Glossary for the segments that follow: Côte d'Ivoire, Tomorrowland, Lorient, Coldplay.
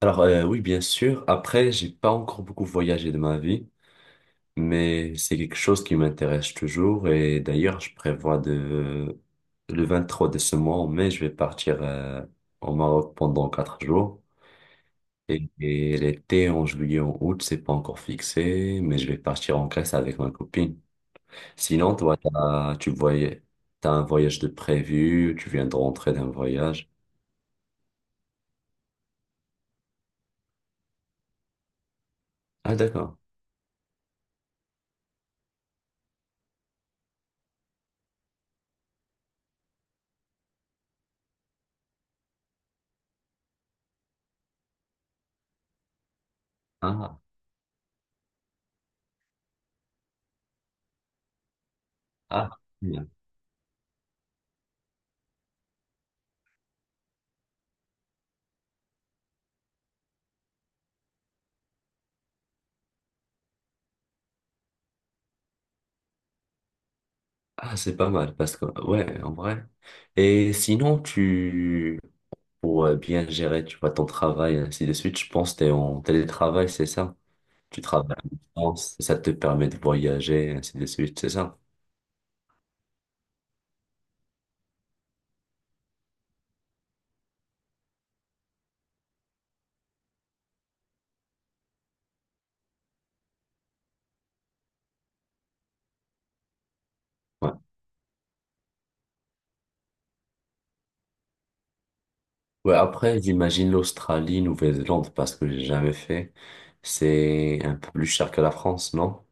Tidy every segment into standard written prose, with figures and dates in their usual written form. Alors, oui, bien sûr. Après, j'ai pas encore beaucoup voyagé de ma vie, mais c'est quelque chose qui m'intéresse toujours. Et d'ailleurs, je prévois de le 23 de ce mois en mai, je vais partir au Maroc pendant 4 jours. Et l'été en juillet, en août, c'est pas encore fixé, mais je vais partir en Grèce avec ma copine. Sinon, toi, t'as un voyage de prévu, tu viens de rentrer d'un voyage. Ah d'accord. Ah ah. Ah, c'est pas mal parce que, ouais, en vrai. Et sinon, pour bien gérer, tu vois, ton travail, ainsi de suite, je pense que t'es en télétravail, c'est ça? Tu travailles à distance, ça te permet de voyager, ainsi de suite, c'est ça? Ouais. Ouais, après, j'imagine l'Australie, Nouvelle-Zélande, parce que j'ai jamais fait. C'est un peu plus cher que la France, non?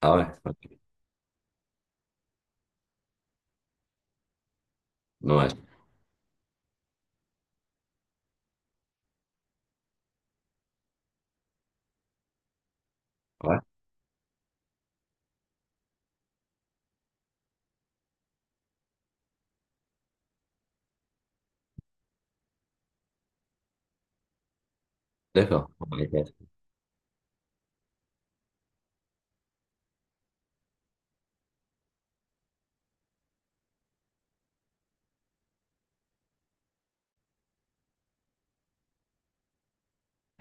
Ah ouais. Ok. Ouais. Ouais. D'accord. On va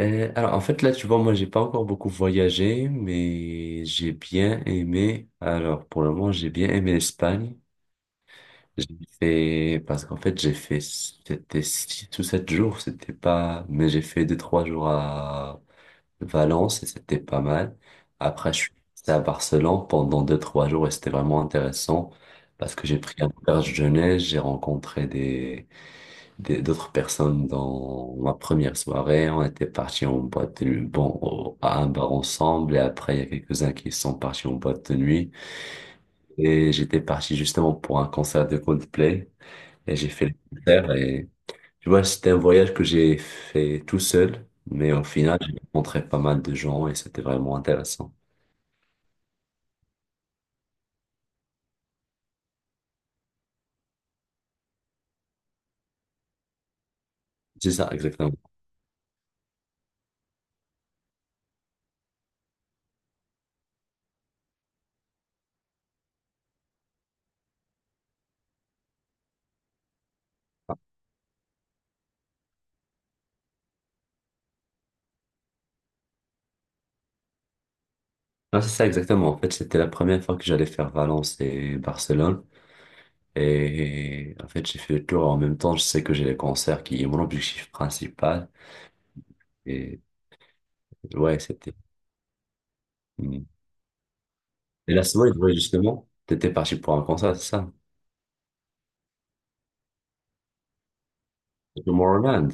Alors, en fait, là, tu vois, moi, j'ai pas encore beaucoup voyagé, mais j'ai bien aimé. Alors, pour le moment, j'ai bien aimé l'Espagne. Parce qu'en fait, j'ai fait, c'était 6 ou 7 jours, c'était pas, mais j'ai fait 2, 3 jours à Valence et c'était pas mal. Après, je suis resté à Barcelone pendant 2, 3 jours et c'était vraiment intéressant parce que j'ai pris un auberge jeunesse, j'ai rencontré d'autres personnes dans ma première soirée. On était partis en boîte de nuit, bon, à un bar ensemble. Et après, il y a quelques-uns qui sont partis en boîte de nuit. Et j'étais parti justement pour un concert de Coldplay. Et j'ai fait le concert. Et tu vois, c'était un voyage que j'ai fait tout seul. Mais au final, j'ai rencontré pas mal de gens et c'était vraiment intéressant. C'est ça, exactement. Non, c'est ça, exactement. En fait, c'était la première fois que j'allais faire Valence et Barcelone. Et en fait, j'ai fait le tour. En même temps, je sais que j'ai les concerts qui est mon objectif principal. Et ouais, c'était. Mm. Et la semaine, ouais, justement, t'étais parti pour un concert, c'est ça? C'est Tomorrowland.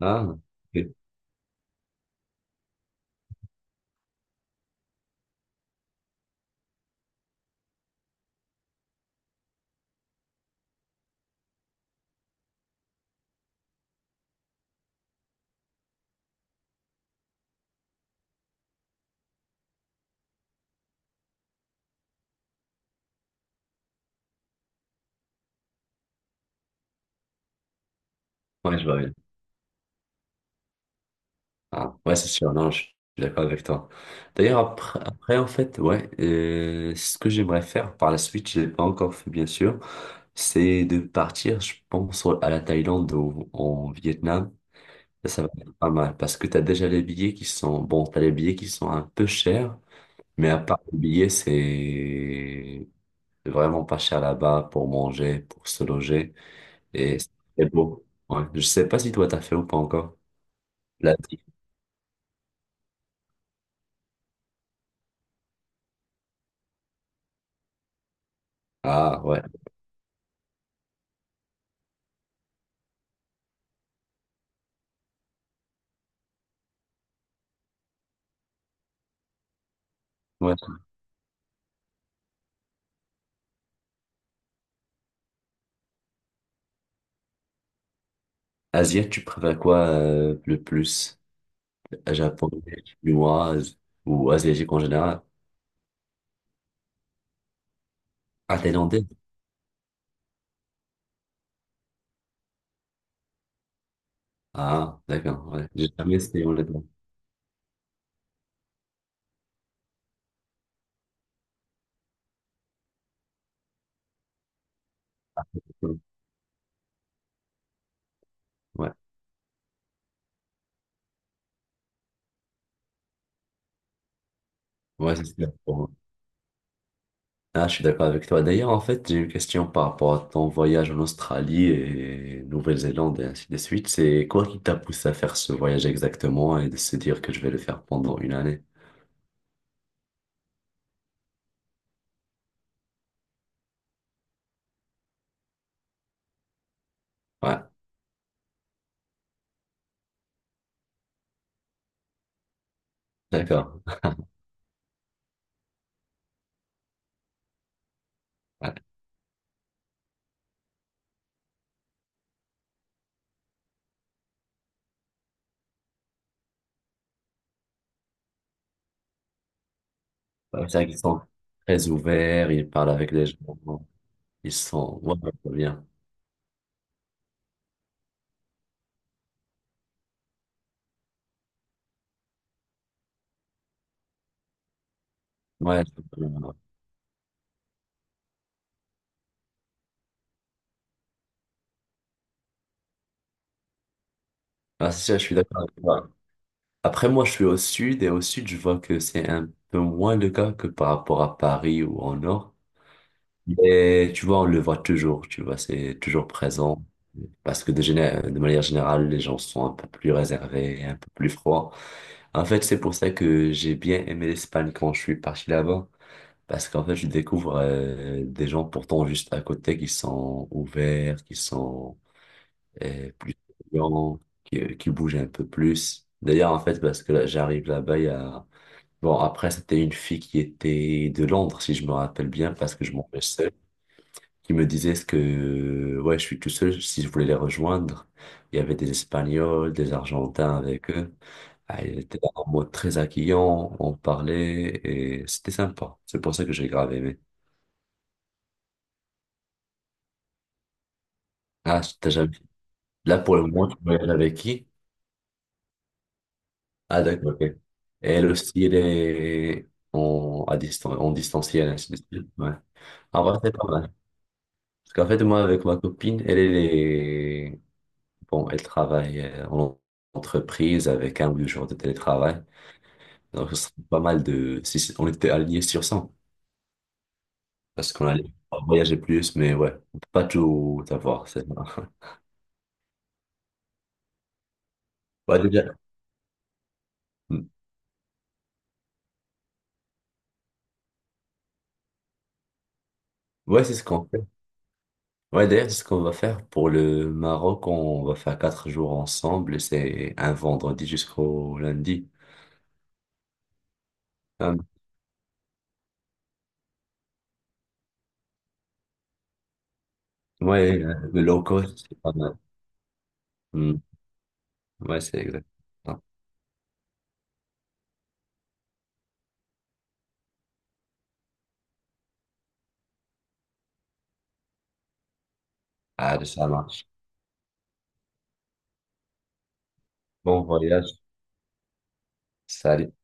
Ah, ok. Ouais, je vois bien. Ah, ouais, c'est sûr. Non, je suis d'accord avec toi. D'ailleurs, après, en fait, ouais, ce que j'aimerais faire par la suite, je l'ai pas encore fait, bien sûr, c'est de partir, je pense, à la Thaïlande ou au Vietnam. Ça va être pas mal parce que tu as déjà les billets qui sont, bon, tu as les billets qui sont un peu chers, mais à part les billets, c'est vraiment pas cher là-bas pour manger, pour se loger et c'est très beau. Ouais. Je sais pas si toi t'as fait ou pas encore. L'Asie. Ah ouais. Ouais. Asie, tu préfères quoi le plus? Japonais, chinoise ou asiatique en général? Ah, thaïlandais? Ah, d'accord. Ouais. J'ai jamais essayé honnêtement. Ouais. Ouais, c'est ça. Ah, je suis d'accord avec toi. D'ailleurs, en fait, j'ai une question par rapport à ton voyage en Australie et Nouvelle-Zélande et ainsi de suite. C'est quoi qui t'a poussé à faire ce voyage exactement et de se dire que je vais le faire pendant une année? Ouais, d'accord. Ouais. Ouais, c'est vrai qu'ils sont très ouverts, ils parlent avec les gens, ils sont. Ouais, c'est bien. Ouais, c'est bien. Ouais. Ah, c'est ça, je suis d'accord avec toi. Après, moi, je suis au sud et au sud, je vois que c'est un peu moins le cas que par rapport à Paris ou en Nord. Mais tu vois, on le voit toujours, tu vois, c'est toujours présent. Parce que de manière générale, les gens sont un peu plus réservés, un peu plus froids. En fait, c'est pour ça que j'ai bien aimé l'Espagne quand je suis parti là-bas. Parce qu'en fait, je découvre des gens pourtant juste à côté qui sont ouverts, qui sont plus souriants, qui bougent un peu plus. D'ailleurs, en fait, parce que là, j'arrive là-bas, il y a. Bon, après, c'était une fille qui était de Londres, si je me rappelle bien, parce que je m'en vais qui me disaient ce que ouais, je suis tout seul, si je voulais les rejoindre. Il y avait des Espagnols, des Argentins avec eux. Ah, ils étaient en mode très accueillant, on parlait et c'était sympa. C'est pour ça que j'ai grave aimé. Ah, t'as jamais. Là, pour le moment, tu voyages avec qui? Ah, d'accord, ok. Et elle aussi, elle est en distanciel, ainsi de suite. Ouais. En vrai, c'est pas mal. Parce qu'en fait, moi, avec ma copine, elle, elle est bon, elle travaille en entreprise avec 1 ou 2 jours de télétravail. Donc, ce serait pas mal de, si c- on était aligné sur ça parce qu'on allait voyager plus, mais ouais, on peut pas tout avoir, c'est ça. Ouais, déjà. Mm. Ouais, c'est ce qu'on fait. Ouais, d'ailleurs, c'est ce qu'on va faire pour le Maroc. On va faire 4 jours ensemble. C'est un vendredi jusqu'au lundi. Euh, ouais, le low cost, c'est pas mal. Mm. Ouais, c'est exact. Ah, ça marche. Bon voyage. Salut.